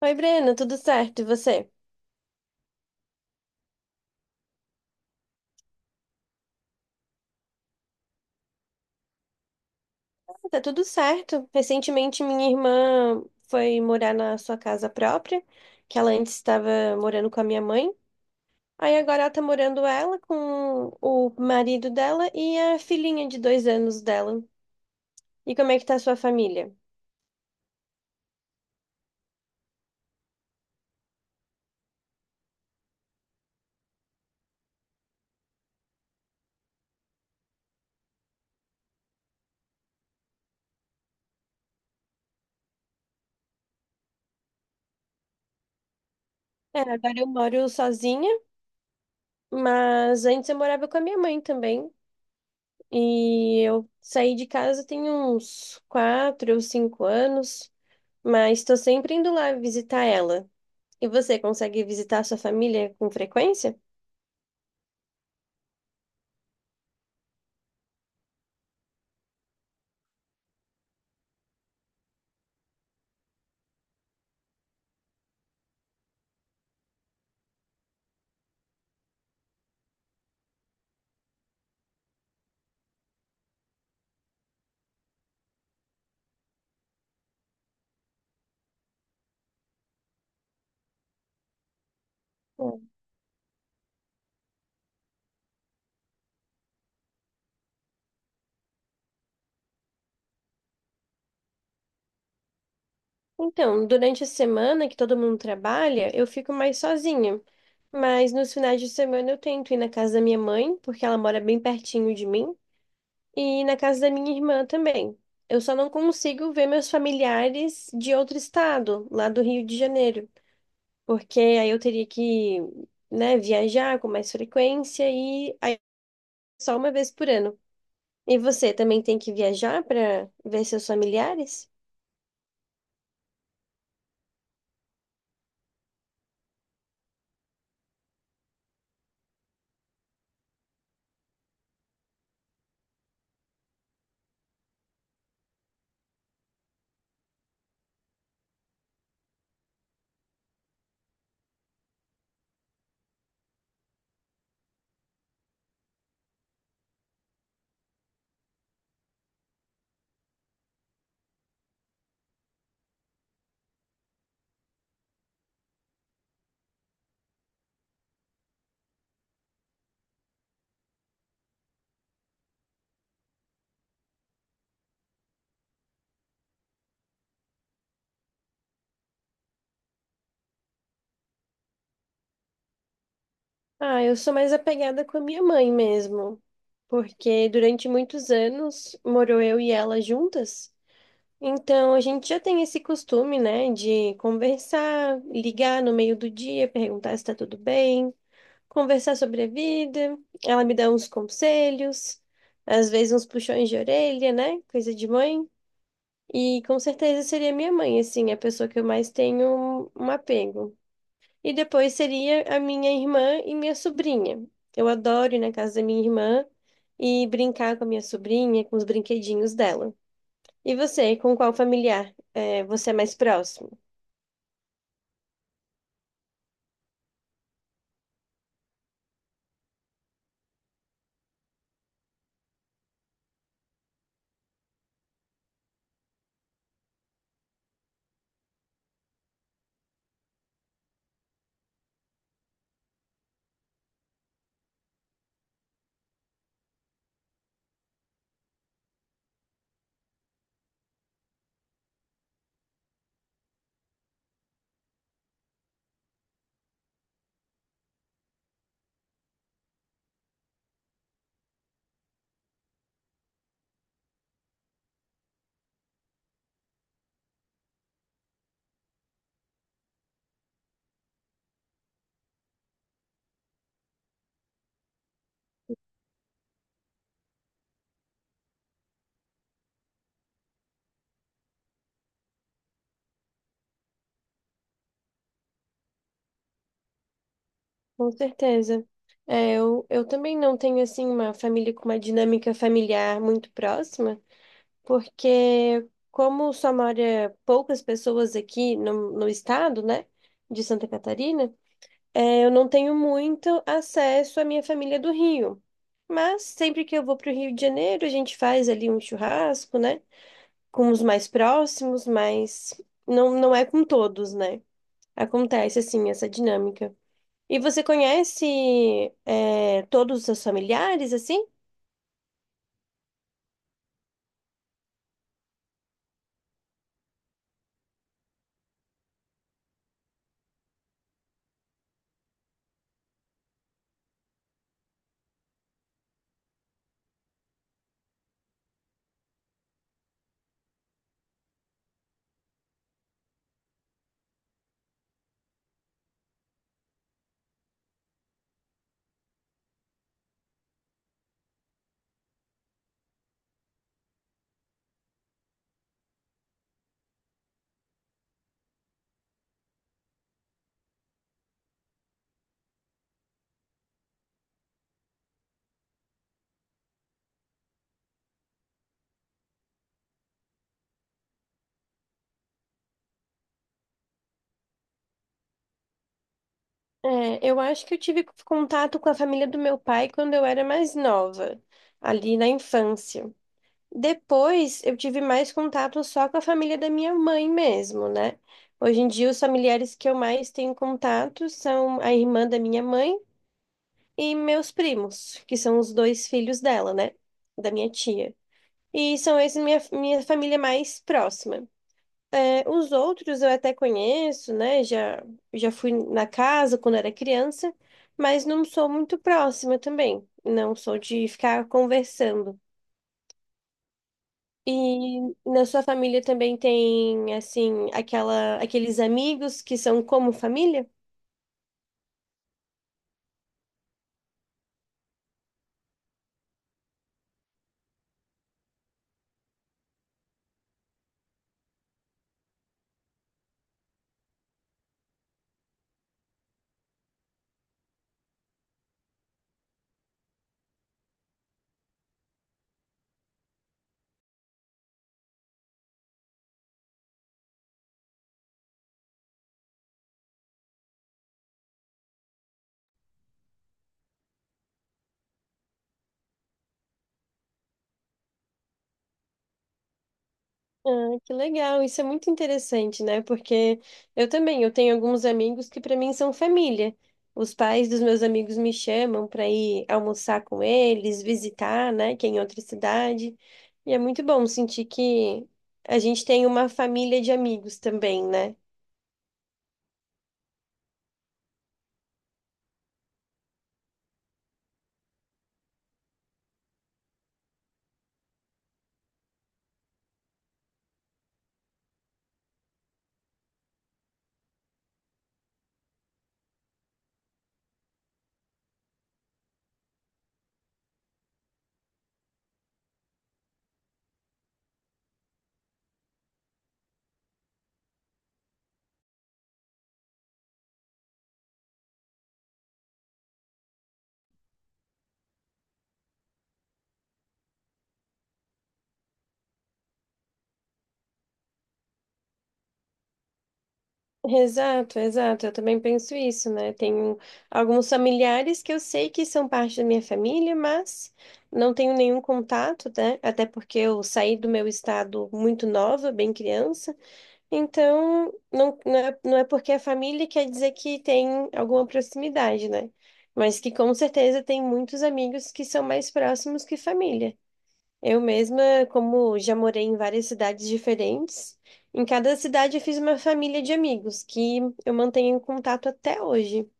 Oi, Breno, tudo certo? E você? Ah, tá tudo certo. Recentemente, minha irmã foi morar na sua casa própria, que ela antes estava morando com a minha mãe. Aí agora ela tá morando ela com o marido dela e a filhinha de 2 anos dela. E como é que tá a sua família? É, agora eu moro sozinha, mas antes eu morava com a minha mãe também. E eu saí de casa tem uns 4 ou 5 anos, mas estou sempre indo lá visitar ela. E você consegue visitar sua família com frequência? Hum. Então, durante a semana que todo mundo trabalha, eu fico mais sozinha. Mas nos finais de semana eu tento ir na casa da minha mãe, porque ela mora bem pertinho de mim, e na casa da minha irmã também. Eu só não consigo ver meus familiares de outro estado, lá do Rio de Janeiro, porque aí eu teria que, né, viajar com mais frequência e aí é só uma vez por ano. E você também tem que viajar para ver seus familiares? Ah, eu sou mais apegada com a minha mãe mesmo, porque durante muitos anos morou eu e ela juntas, então a gente já tem esse costume, né, de conversar, ligar no meio do dia, perguntar se tá tudo bem, conversar sobre a vida, ela me dá uns conselhos, às vezes uns puxões de orelha, né, coisa de mãe, e com certeza seria minha mãe, assim, a pessoa que eu mais tenho um apego. E depois seria a minha irmã e minha sobrinha. Eu adoro ir na casa da minha irmã e brincar com a minha sobrinha, com os brinquedinhos dela. E você, com qual familiar é, você é mais próximo? Com certeza. É, eu também não tenho, assim, uma família com uma dinâmica familiar muito próxima, porque como só mora poucas pessoas aqui no estado, né, de Santa Catarina. É, eu não tenho muito acesso à minha família do Rio, mas sempre que eu vou para o Rio de Janeiro, a gente faz ali um churrasco, né? Com os mais próximos, mas não, não é com todos, né? Acontece assim essa dinâmica. E você conhece, é, todos os seus familiares, assim? É, eu acho que eu tive contato com a família do meu pai quando eu era mais nova, ali na infância. Depois eu tive mais contato só com a família da minha mãe mesmo, né? Hoje em dia, os familiares que eu mais tenho contato são a irmã da minha mãe e meus primos, que são os dois filhos dela, né? Da minha tia. E são esses minha família mais próxima. É, os outros eu até conheço, né? Já fui na casa quando era criança, mas não sou muito próxima também. Não sou de ficar conversando. E na sua família também tem, assim, aquela, aqueles amigos que são como família? Ah, que legal, isso é muito interessante, né? Porque eu também, eu tenho alguns amigos que para mim são família. Os pais dos meus amigos me chamam para ir almoçar com eles, visitar, né, que é em outra cidade. E é muito bom sentir que a gente tem uma família de amigos também, né? Exato, exato. Eu também penso isso, né? Tenho alguns familiares que eu sei que são parte da minha família, mas não tenho nenhum contato, né? Até porque eu saí do meu estado muito nova, bem criança. Então, não, não é, não é porque é família quer dizer que tem alguma proximidade, né? Mas que com certeza tem muitos amigos que são mais próximos que família. Eu mesma, como já morei em várias cidades diferentes, em cada cidade eu fiz uma família de amigos que eu mantenho em contato até hoje.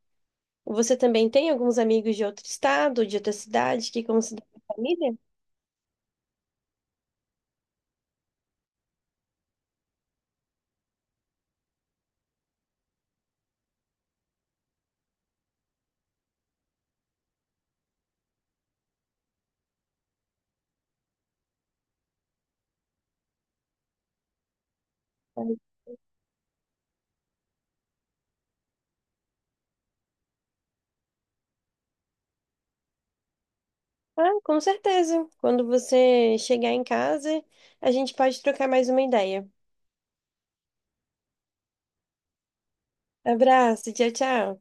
Você também tem alguns amigos de outro estado, de outra cidade, que considera família? Ah, ah, com certeza. Quando você chegar em casa, a gente pode trocar mais uma ideia. Abraço, tchau, tchau.